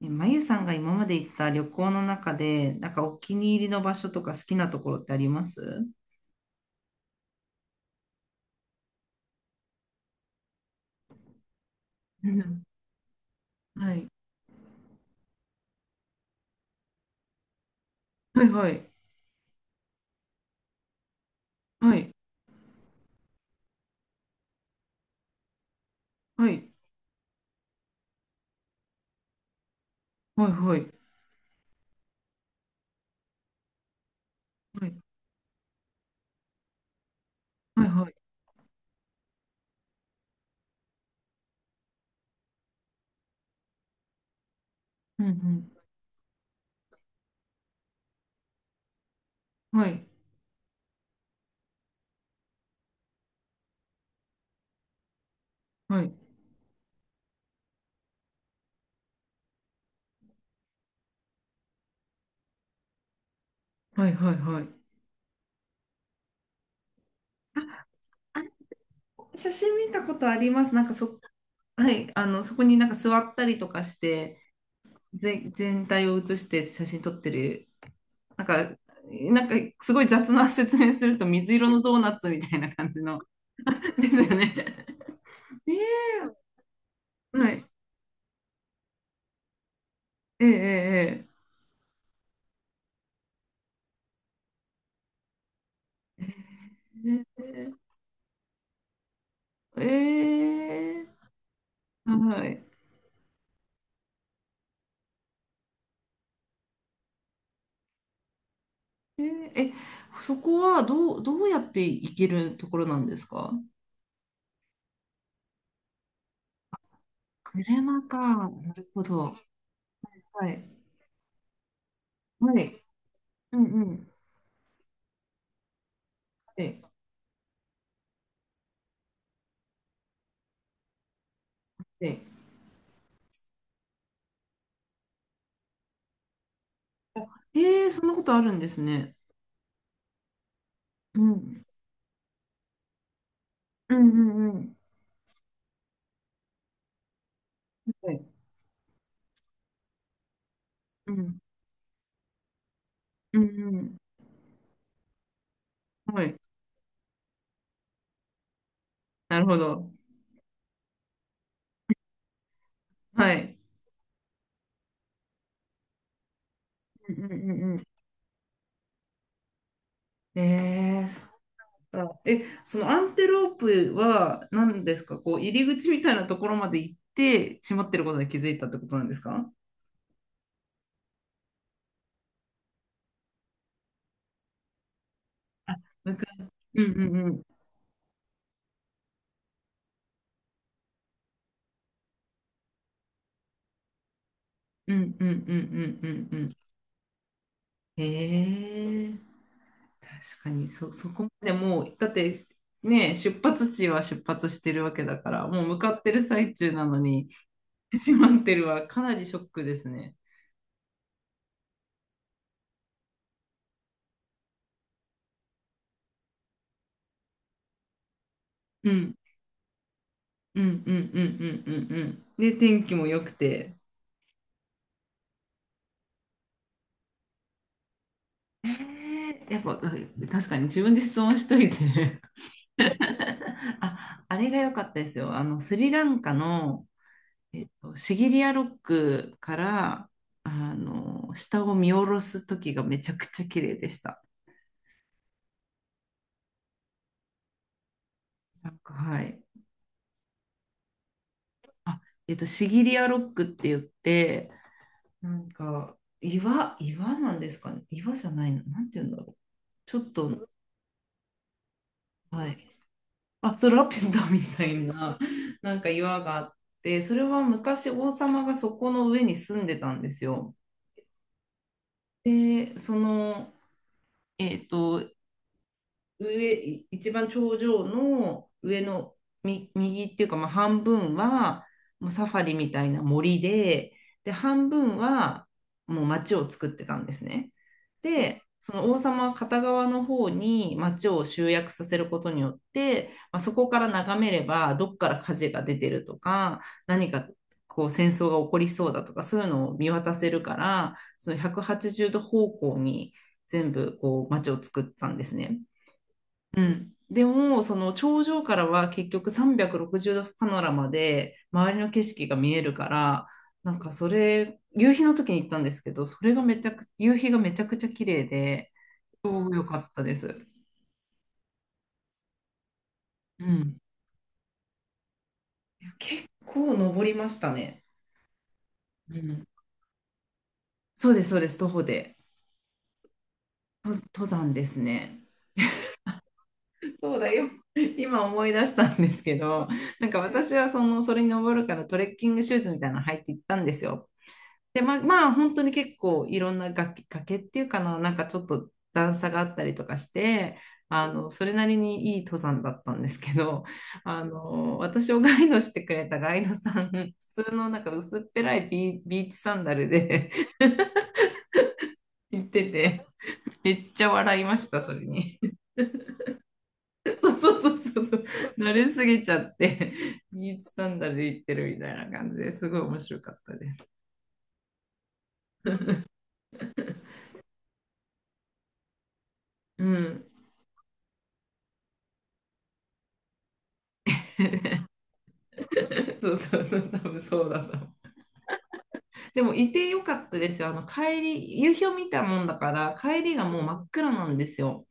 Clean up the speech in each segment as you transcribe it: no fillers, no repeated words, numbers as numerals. まゆさんが今まで行った旅行の中で、なんかお気に入りの場所とか好きなところってあります？うん。はい、はい、はい、はい、はい、はい、はい、はい、うん、うん、はい、はい、はい、はい、はい。あ、あ、写真見たことあります。なんかそ、はい、あの、そこになんか座ったりとかして、全体を写して写真撮ってる。なんか、なんか、すごい雑な説明すると水色のドーナツみたいな感じの。 ですよね。ええ、はい、え、ええ、ええ、えー、えはい。えー、え、そこはどうやって行けるところなんですか？車か。なるほど。はい。はい。うんうん。はい。はい。えー、そんなことあるんですね。うん。うんうんうん。はい。うん。うんうん。はい。なるほど。はい。うんうんうんうん。そのアンテロープは何ですか？こう入り口みたいなところまで行って閉まってることに気づいたってことなんですか？あ、向かい。うんうんうん。うんうんうんうんうんうん。へえ。確かにそこまでもう、だってね、出発地は出発してるわけだから、もう向かってる最中なのに、閉まってるはかなりショックですね。うん、うん、うん、うん、うん、うん、うん。で、天気も良くて。やっぱ、うん、確かに自分で質問しといて あ、あれが良かったですよ。あのスリランカの、シギリアロックからあの下を見下ろす時がめちゃくちゃ綺麗でした。なんか、はい。あ、シギリアロックって言って、なんか岩なんですかね。岩じゃないの。なんて言うんだろう。ちょっと、はい。あつらペタみたいな、なんか岩があって、それは昔王様がそこの上に住んでたんですよ。で、その、えっと、上、一番頂上の上の右っていうか、まあ、半分はもうサファリみたいな森で、で、半分はもう町を作ってたんですね。で、その王様片側の方に町を集約させることによって、まあ、そこから眺めればどっから火事が出てるとか、何かこう戦争が起こりそうだとか、そういうのを見渡せるから、その180度方向に全部こう町を作ったんですね。うん。でも、その頂上からは結局360度パノラマで周りの景色が見えるから、なんかそれ、夕日の時に行ったんですけど、それがめちゃく、夕日がめちゃくちゃ綺麗で、超良かったです。うん。結構登りましたね。うん。そうです、そうです、徒歩で。登山ですね。そうだよ。今思い出したんですけど、なんか私はその、それに登るからトレッキングシューズみたいなの履いて行ったんですよ。で、まあ、本当に結構いろんな崖、崖っていうかな、なんかちょっと段差があったりとかして、あの、それなりにいい登山だったんですけど、あの、私をガイドしてくれたガイドさん、普通のなんか薄っぺらいビーチサンダルで 行ってて、めっちゃ笑いました、それに。そうそうそうそうそう、慣れすぎちゃって、ビーチサンダルで行ってるみたいな感じですごい面白かったです。うん、そうそうそう、多分そうだな。でもいてよかったですよ。あの帰り、夕日を見たもんだから、帰りがもう真っ暗なんですよ。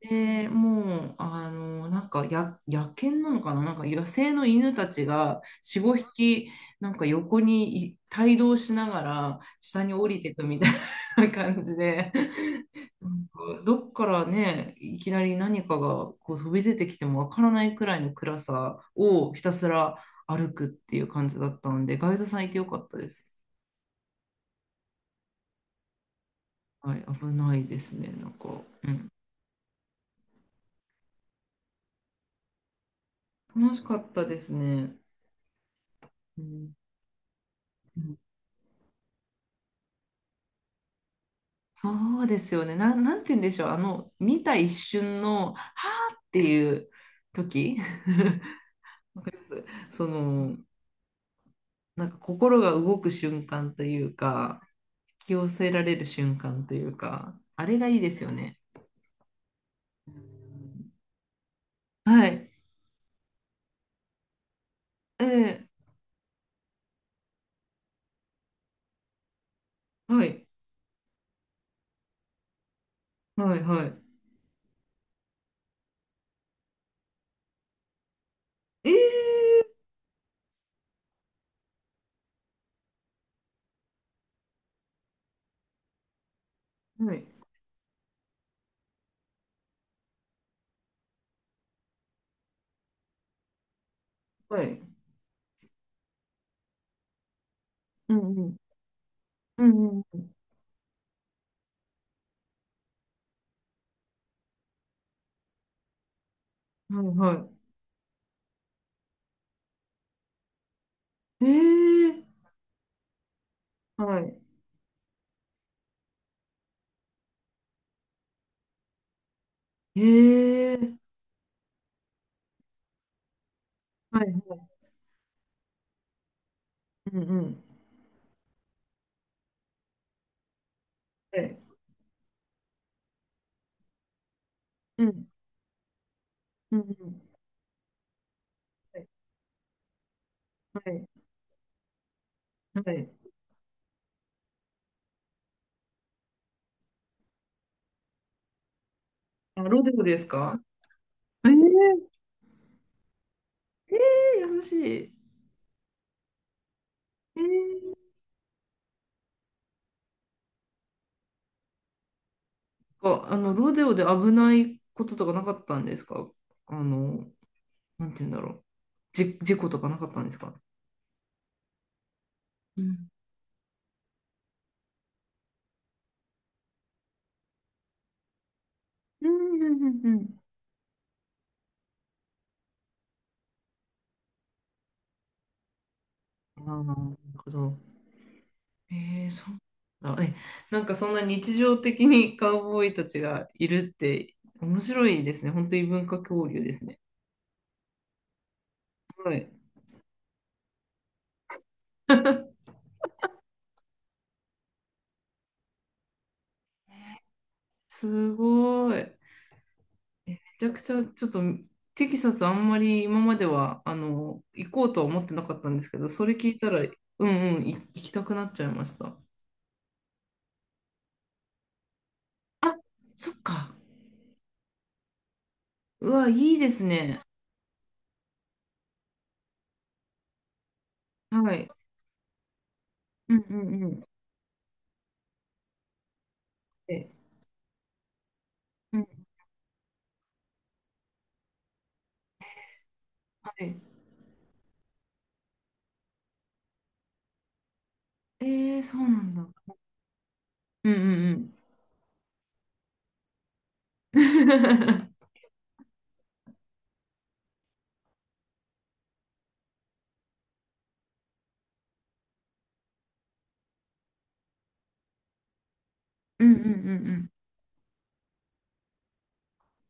で、もう、あの、なんかや、野犬なのかな、なんか野生の犬たちが4、5匹、なんか横に帯同しながら下に降りてくみたいな感じで、なんかどっからね、いきなり何かがこう飛び出てきてもわからないくらいの暗さをひたすら歩くっていう感じだったので、ガイドさんいてよかったです。はい、危ないですね、なんか。うん、楽しかったですね。うん、うん、そうですよね。なんて言うんでしょう。あの、見た一瞬の、はーっていう時 わかりますその、なんか心が動く瞬間というか、引き寄せられる瞬間というか、あれがいいですよね。はい。ええ、はい。はい、はい。ええ、はい。はい。うんうん。うんうん。はい、はい。ええ、はい。ええ、はい、はい、うん、うん、はい、うん、うん、うん、はい、はい、はい。あ、ロデオですか？ええ、ええ、優しい。ええか、あの、ロデオで危ないこととかなかったんですか？あの、なんて言うんだろう。事故とかなかったんですか？うん、うん、うん、うん。ああ、なるほど。ええ、そうなんだ。え、なんかそんな日常的にカウボーイたちがいるって面白いですね。本当に文化交流ですね。ごい。すごい。めちゃくちゃ、ちょっと、テキサスあんまり今までは、あの、行こうとは思ってなかったんですけど、それ聞いたら、うんうん、行きたくなっちゃいました。あ、そっか。うわ、いいですね。はい。うんうんうん。え、うん、はい。えー、そうなんだ。うんうんうん。うんうんうんうん。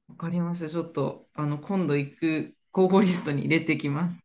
わかりました。ちょっと、あの、今度行く候補リストに入れてきます。